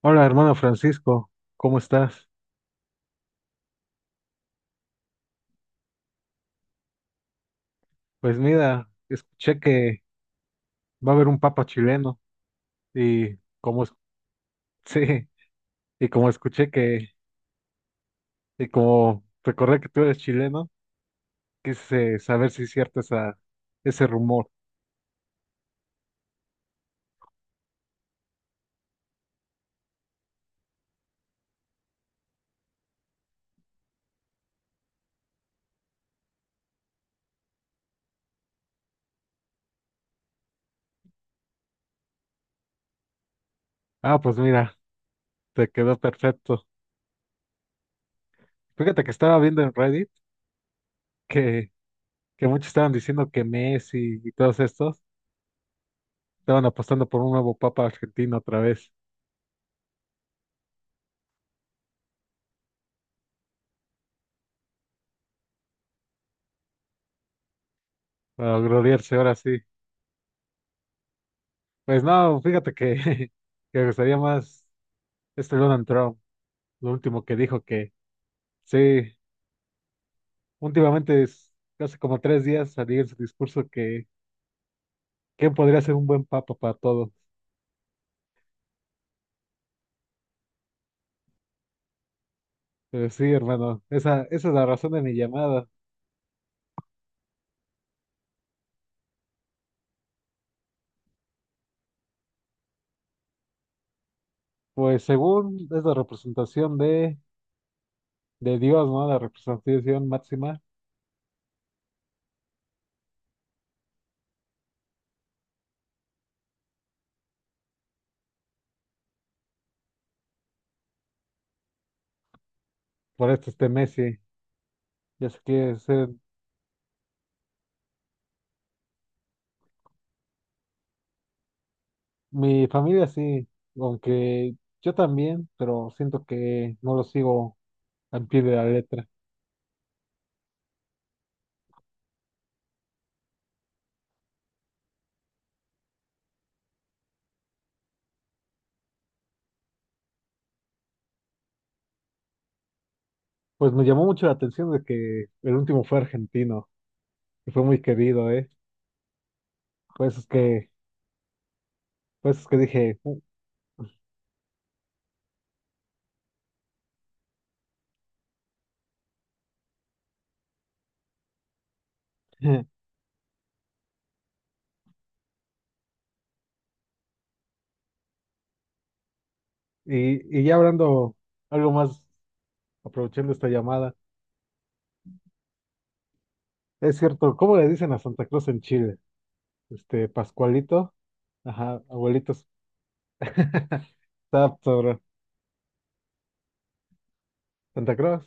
Hola, hermano Francisco, ¿cómo estás? Pues mira, escuché que va a haber un papa chileno y como sí, y como escuché que y como recordé que tú eres chileno, quise saber si es cierto ese rumor. Ah, pues mira, te quedó perfecto. Fíjate que estaba viendo en Reddit que, que muchos estaban diciendo que Messi y todos estos estaban apostando por un nuevo papa argentino otra vez, para gloriarse ahora sí. Pues no, fíjate que que me gustaría más este Donald Trump, lo último que dijo que sí, últimamente es hace como 3 días salió en su discurso que quién podría ser un buen papa para todo. Pero sí, hermano, esa es la razón de mi llamada. Pues según es la representación de Dios, ¿no? La representación máxima por este Messi. Ya sé que es, mi familia sí, aunque yo también, pero siento que no lo sigo al pie de la letra. Pues me llamó mucho la atención de que el último fue argentino. Y fue muy querido, ¿eh? Pues es que, pues es que, dije". Y ya hablando algo más, aprovechando esta llamada, es cierto, ¿cómo le dicen a Santa Cruz en Chile? Este, Pascualito, ajá, abuelitos, está sobre Santa Cruz,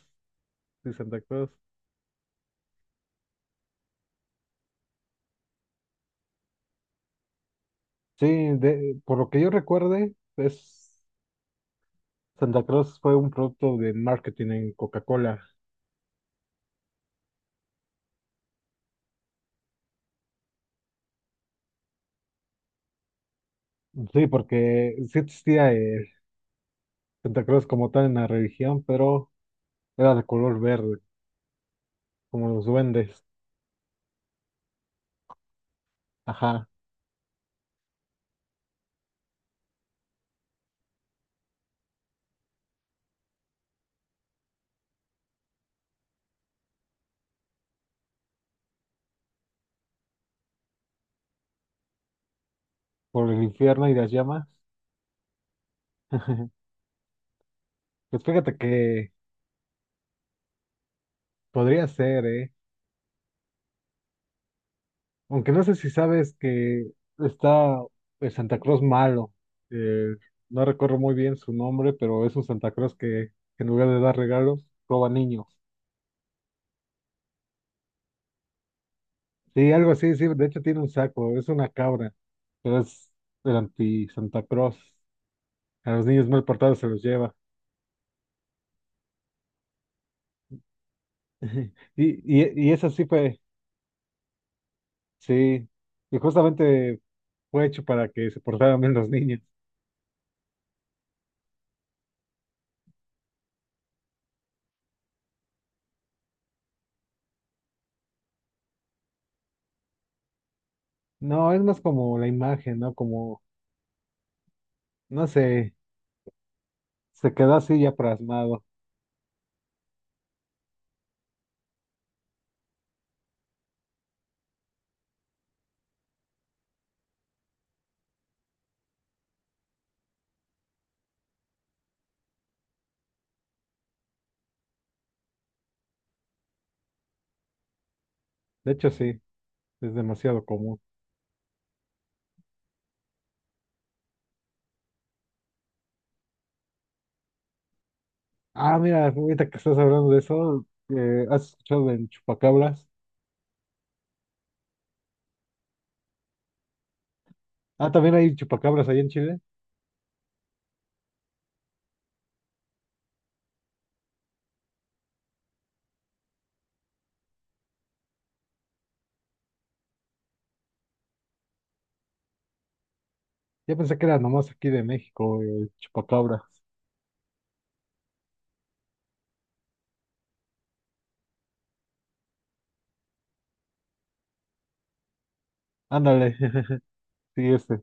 sí, Santa Cruz. Sí, de, por lo que yo recuerde, es, Santa Cruz fue un producto de marketing en Coca-Cola. Sí, porque sí existía el Santa Cruz como tal en la religión, pero era de color verde, como los duendes. Ajá, por el infierno y las llamas. Pues fíjate que podría ser, ¿eh? Aunque no sé si sabes que está el Santa Claus malo. eh, no recuerdo muy bien su nombre, pero es un Santa Claus que en lugar de dar regalos, roba niños. Sí, algo así, sí. De hecho tiene un saco, es una cabra, pero es el anti-Santa Claus. A los niños mal portados se los lleva. Y eso sí fue, sí. Y justamente fue hecho para que se portaran bien los niños. No, es más como la imagen, ¿no? Como, no sé, se quedó así ya plasmado. De hecho, sí, es demasiado común. Ah, mira, ahorita que estás hablando de eso, ¿has escuchado en chupacabras? Ah, también hay chupacabras allá en Chile. Yo pensé que era nomás aquí de México, chupacabras. Ándale, sí, este,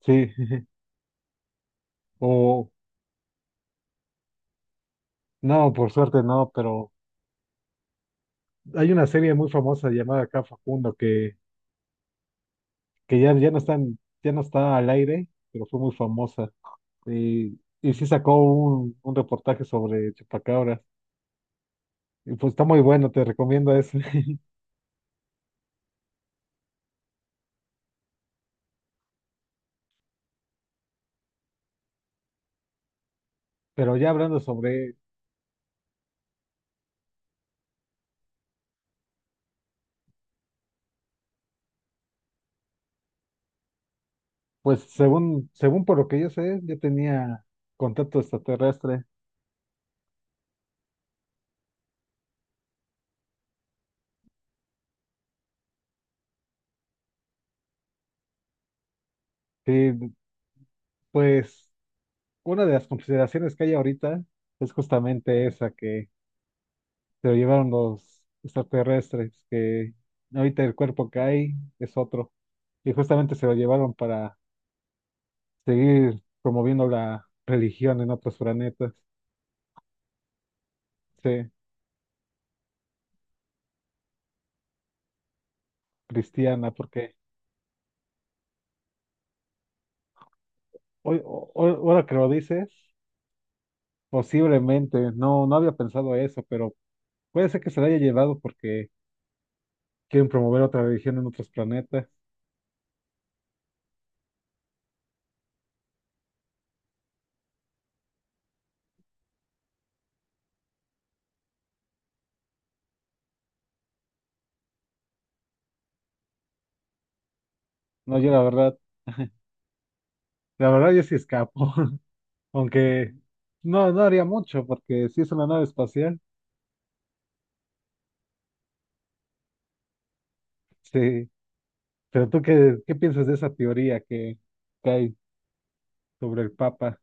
sí. O, no, por suerte no, pero hay una serie muy famosa llamada acá Facundo que ya no está, ya no está al aire, pero fue muy famosa. Y sí sacó un reportaje sobre chupacabras. Y pues está muy bueno, te recomiendo ese. Pero ya hablando sobre, pues según por lo que yo sé, yo tenía contacto extraterrestre. Y pues una de las consideraciones que hay ahorita es justamente esa que se lo llevaron los extraterrestres, que ahorita el cuerpo que hay es otro. Y justamente se lo llevaron para seguir promoviendo la religión en otros planetas. Sí. Cristiana, porque ahora que lo dices, posiblemente, no, no había pensado eso, pero puede ser que se la haya llevado porque quieren promover otra religión en otros planetas. No, yo la verdad, yo sí escapo, aunque no, no haría mucho, porque si es una nave espacial, sí. Pero tú, ¿qué piensas de esa teoría que hay sobre el Papa?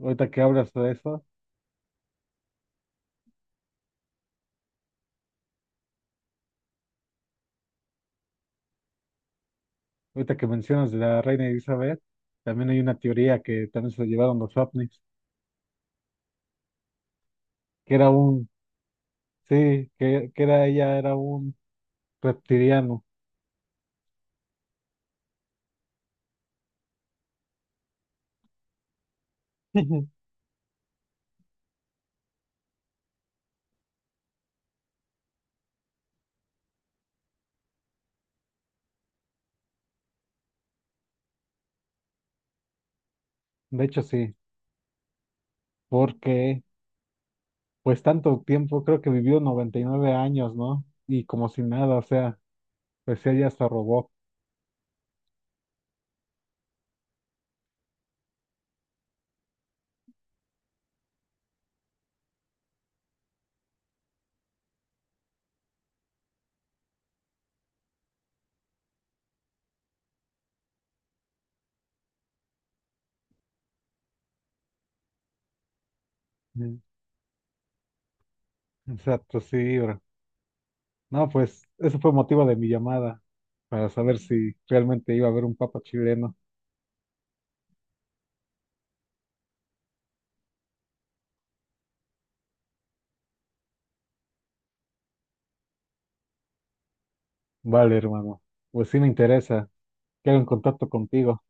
Ahorita que hablas de eso, ahorita que mencionas de la reina Elizabeth, también hay una teoría que también se la llevaron los ovnis que era un Sí, que era ella, era un reptiliano. De hecho, sí, porque pues tanto tiempo, creo que vivió 99 años, ¿no? Y como si nada, o sea, pues ella hasta robó. Mm. Exacto, sí, bro. No, pues ese fue motivo de mi llamada, para saber si realmente iba a haber un papa chileno. Vale, hermano. Pues sí me interesa. Quedo en contacto contigo.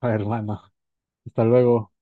Vale, hermano. Hasta luego.